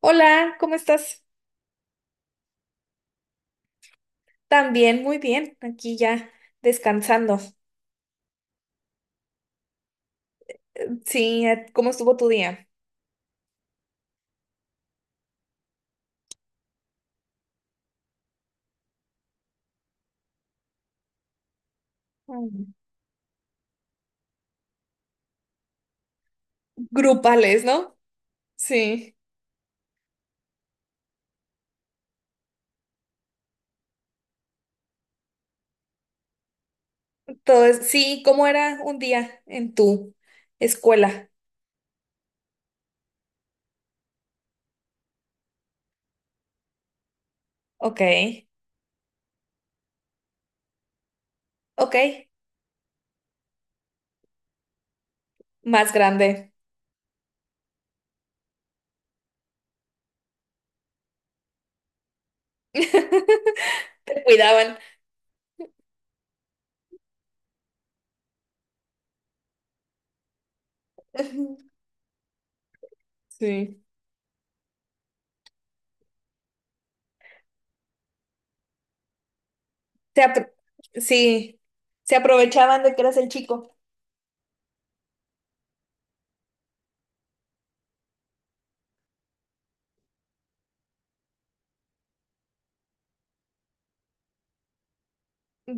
Hola, ¿cómo estás? También, muy bien, aquí ya descansando. Sí, ¿cómo estuvo tu día? Mm. Grupales, ¿no? Sí. Entonces, sí, ¿cómo era un día en tu escuela? Ok, ok, más grande. Te cuidaban. Ujú. Sí. Se apro- sí, se aprovechaban de que eras el chico.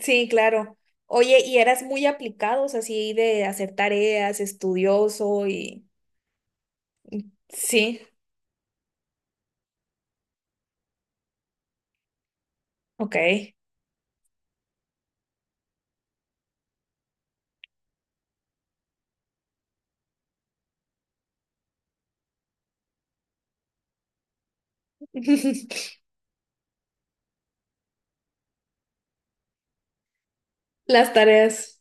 Sí, claro. Oye, y eras muy aplicados así de hacer tareas, estudioso y... Sí, ok. Las tareas.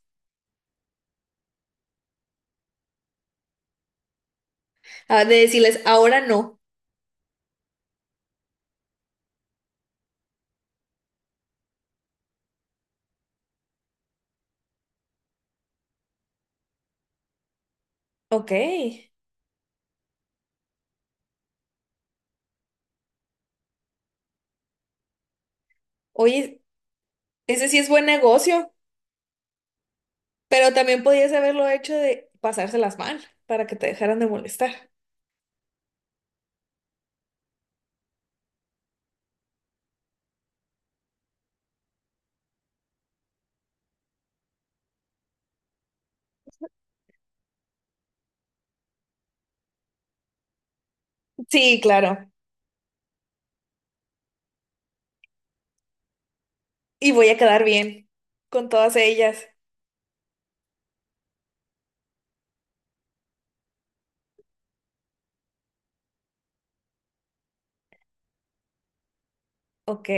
Ah, de decirles, ahora no. Ok. Oye, ese sí es buen negocio, pero también podías haberlo hecho de pasárselas mal para que te dejaran de molestar. Sí, claro. Y voy a quedar bien con todas ellas. Ok.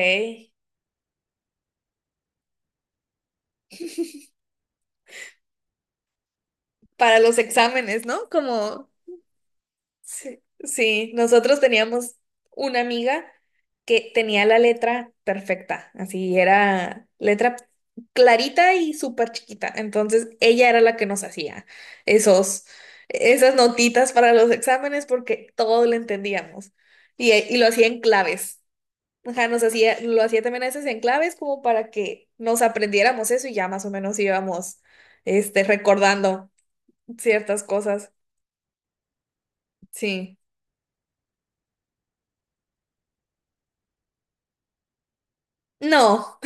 Para los exámenes, ¿no? Como sí, sí, nosotros teníamos una amiga que tenía la letra perfecta, así era letra clarita y súper chiquita. Entonces ella era la que nos hacía esos, esas notitas para los exámenes porque todo lo entendíamos y lo hacía en claves. Ajá, nos hacía, lo hacía también a veces en claves como para que nos aprendiéramos eso y ya más o menos íbamos este, recordando ciertas cosas. Sí. No.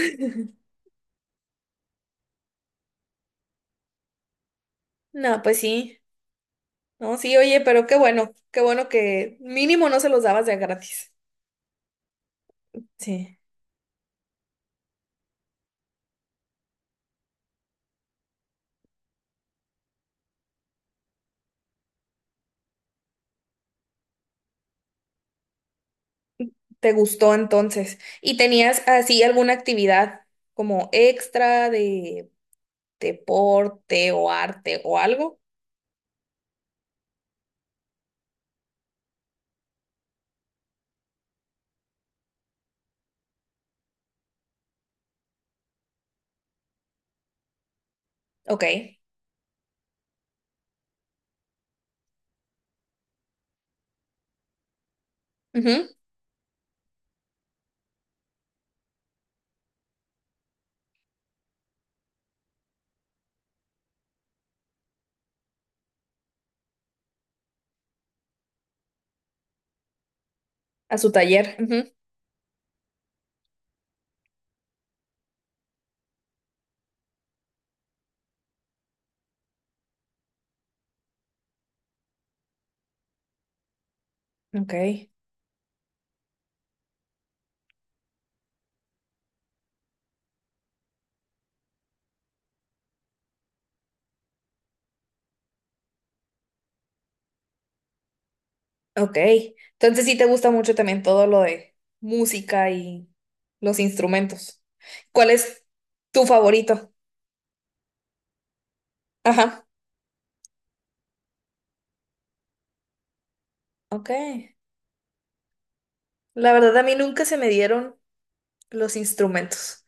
No, pues sí. No, sí, oye, pero qué bueno que mínimo no se los dabas de a gratis. Sí, te gustó entonces. ¿Y tenías así alguna actividad como extra de deporte o arte o algo? Ok. Ujú. A su taller. Ujú. Ok. Ok. Entonces sí te gusta mucho también todo lo de música y los instrumentos. ¿Cuál es tu favorito? Ajá. Ok. La verdad a mí nunca se me dieron los instrumentos.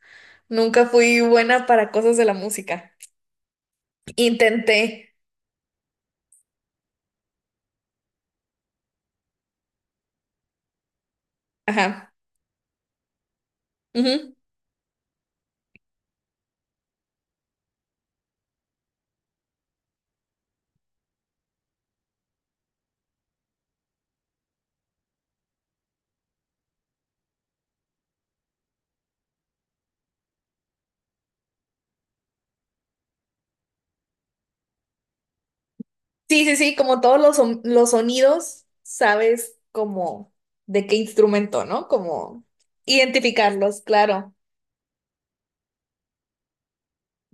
Nunca fui buena para cosas de la música. Intenté. Ajá. Ujú. Sí, sí, sí, como todos los, los sonidos, sabes como de qué instrumento, ¿no? Como identificarlos, claro.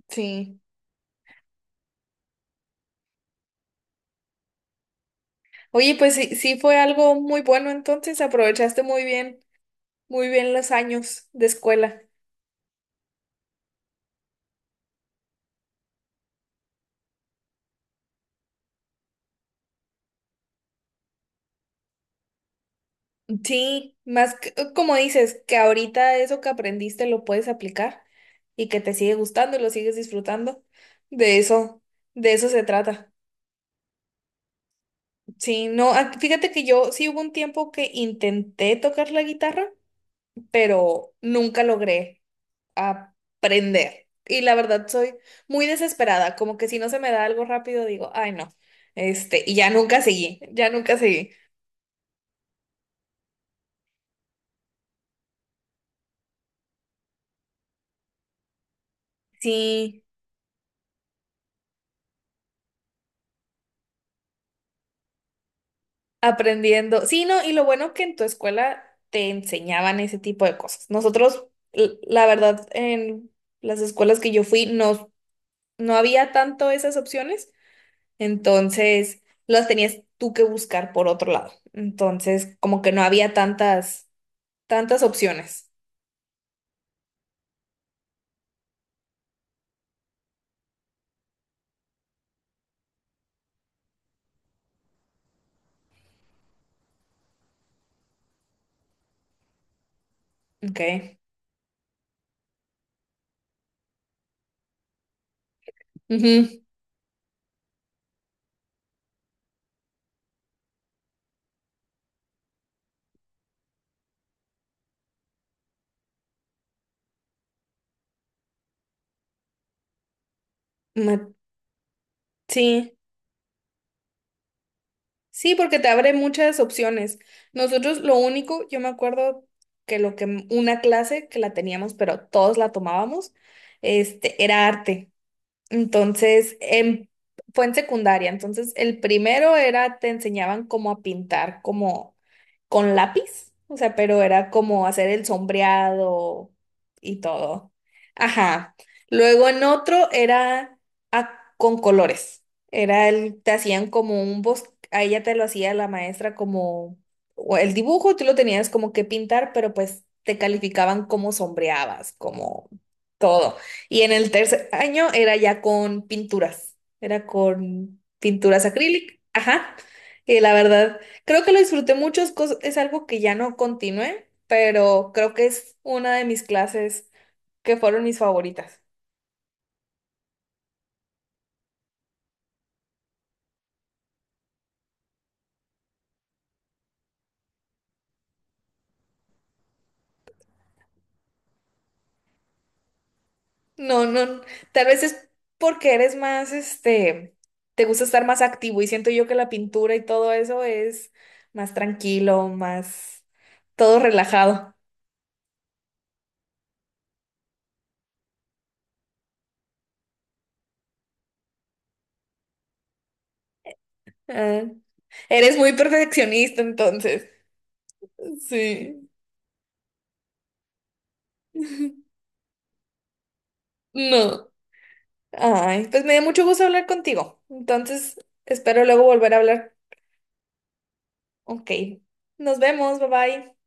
Sí. Oye, pues sí, sí fue algo muy bueno, entonces aprovechaste muy bien los años de escuela. Sí, como dices, que ahorita eso que aprendiste lo puedes aplicar y que te sigue gustando y lo sigues disfrutando. De eso, de eso se trata. Sí, no, ah, fíjate que yo sí hubo un tiempo que intenté tocar la guitarra, pero nunca logré aprender. Y la verdad soy muy desesperada, como que si no se me da algo rápido digo, ay no, este, y ya nunca seguí, ya nunca seguí. Sí. Aprendiendo. Sí, no, y lo bueno es que en tu escuela te enseñaban ese tipo de cosas. Nosotros, la verdad, en las escuelas que yo fui, no, no había tanto esas opciones, entonces las tenías tú que buscar por otro lado. Entonces, como que no había tantas, tantas opciones. Ok. Ujú. Ma- Sí. Sí, porque te abre muchas opciones. Nosotros lo único, yo me acuerdo que lo que una clase que la teníamos, pero todos la tomábamos, este, era arte. Entonces, em- fue en secundaria. Entonces, el primero era, te enseñaban cómo a pintar, como con lápiz. O sea, pero era como hacer el sombreado y todo. Ajá. Luego en otro era a- con colores. Era el, te hacían como un bosque, a ella te lo hacía la maestra como o el dibujo, tú lo tenías como que pintar, pero pues te calificaban como sombreabas, como todo. Y en el tercer año era ya con pinturas, era con pinturas acrílicas. Ajá. Y la verdad, creo que lo disfruté mucho, es, es algo que ya no continué, pero creo que es una de mis clases que fueron mis favoritas. No, no, tal vez es porque eres más, este, te gusta estar más activo y siento yo que la pintura y todo eso es más tranquilo, más todo relajado. Ah, eres muy perfeccionista entonces. Sí. No. Ay, pues me dio mucho gusto hablar contigo. Entonces, espero luego volver a hablar. Ok. Nos vemos. Bye bye.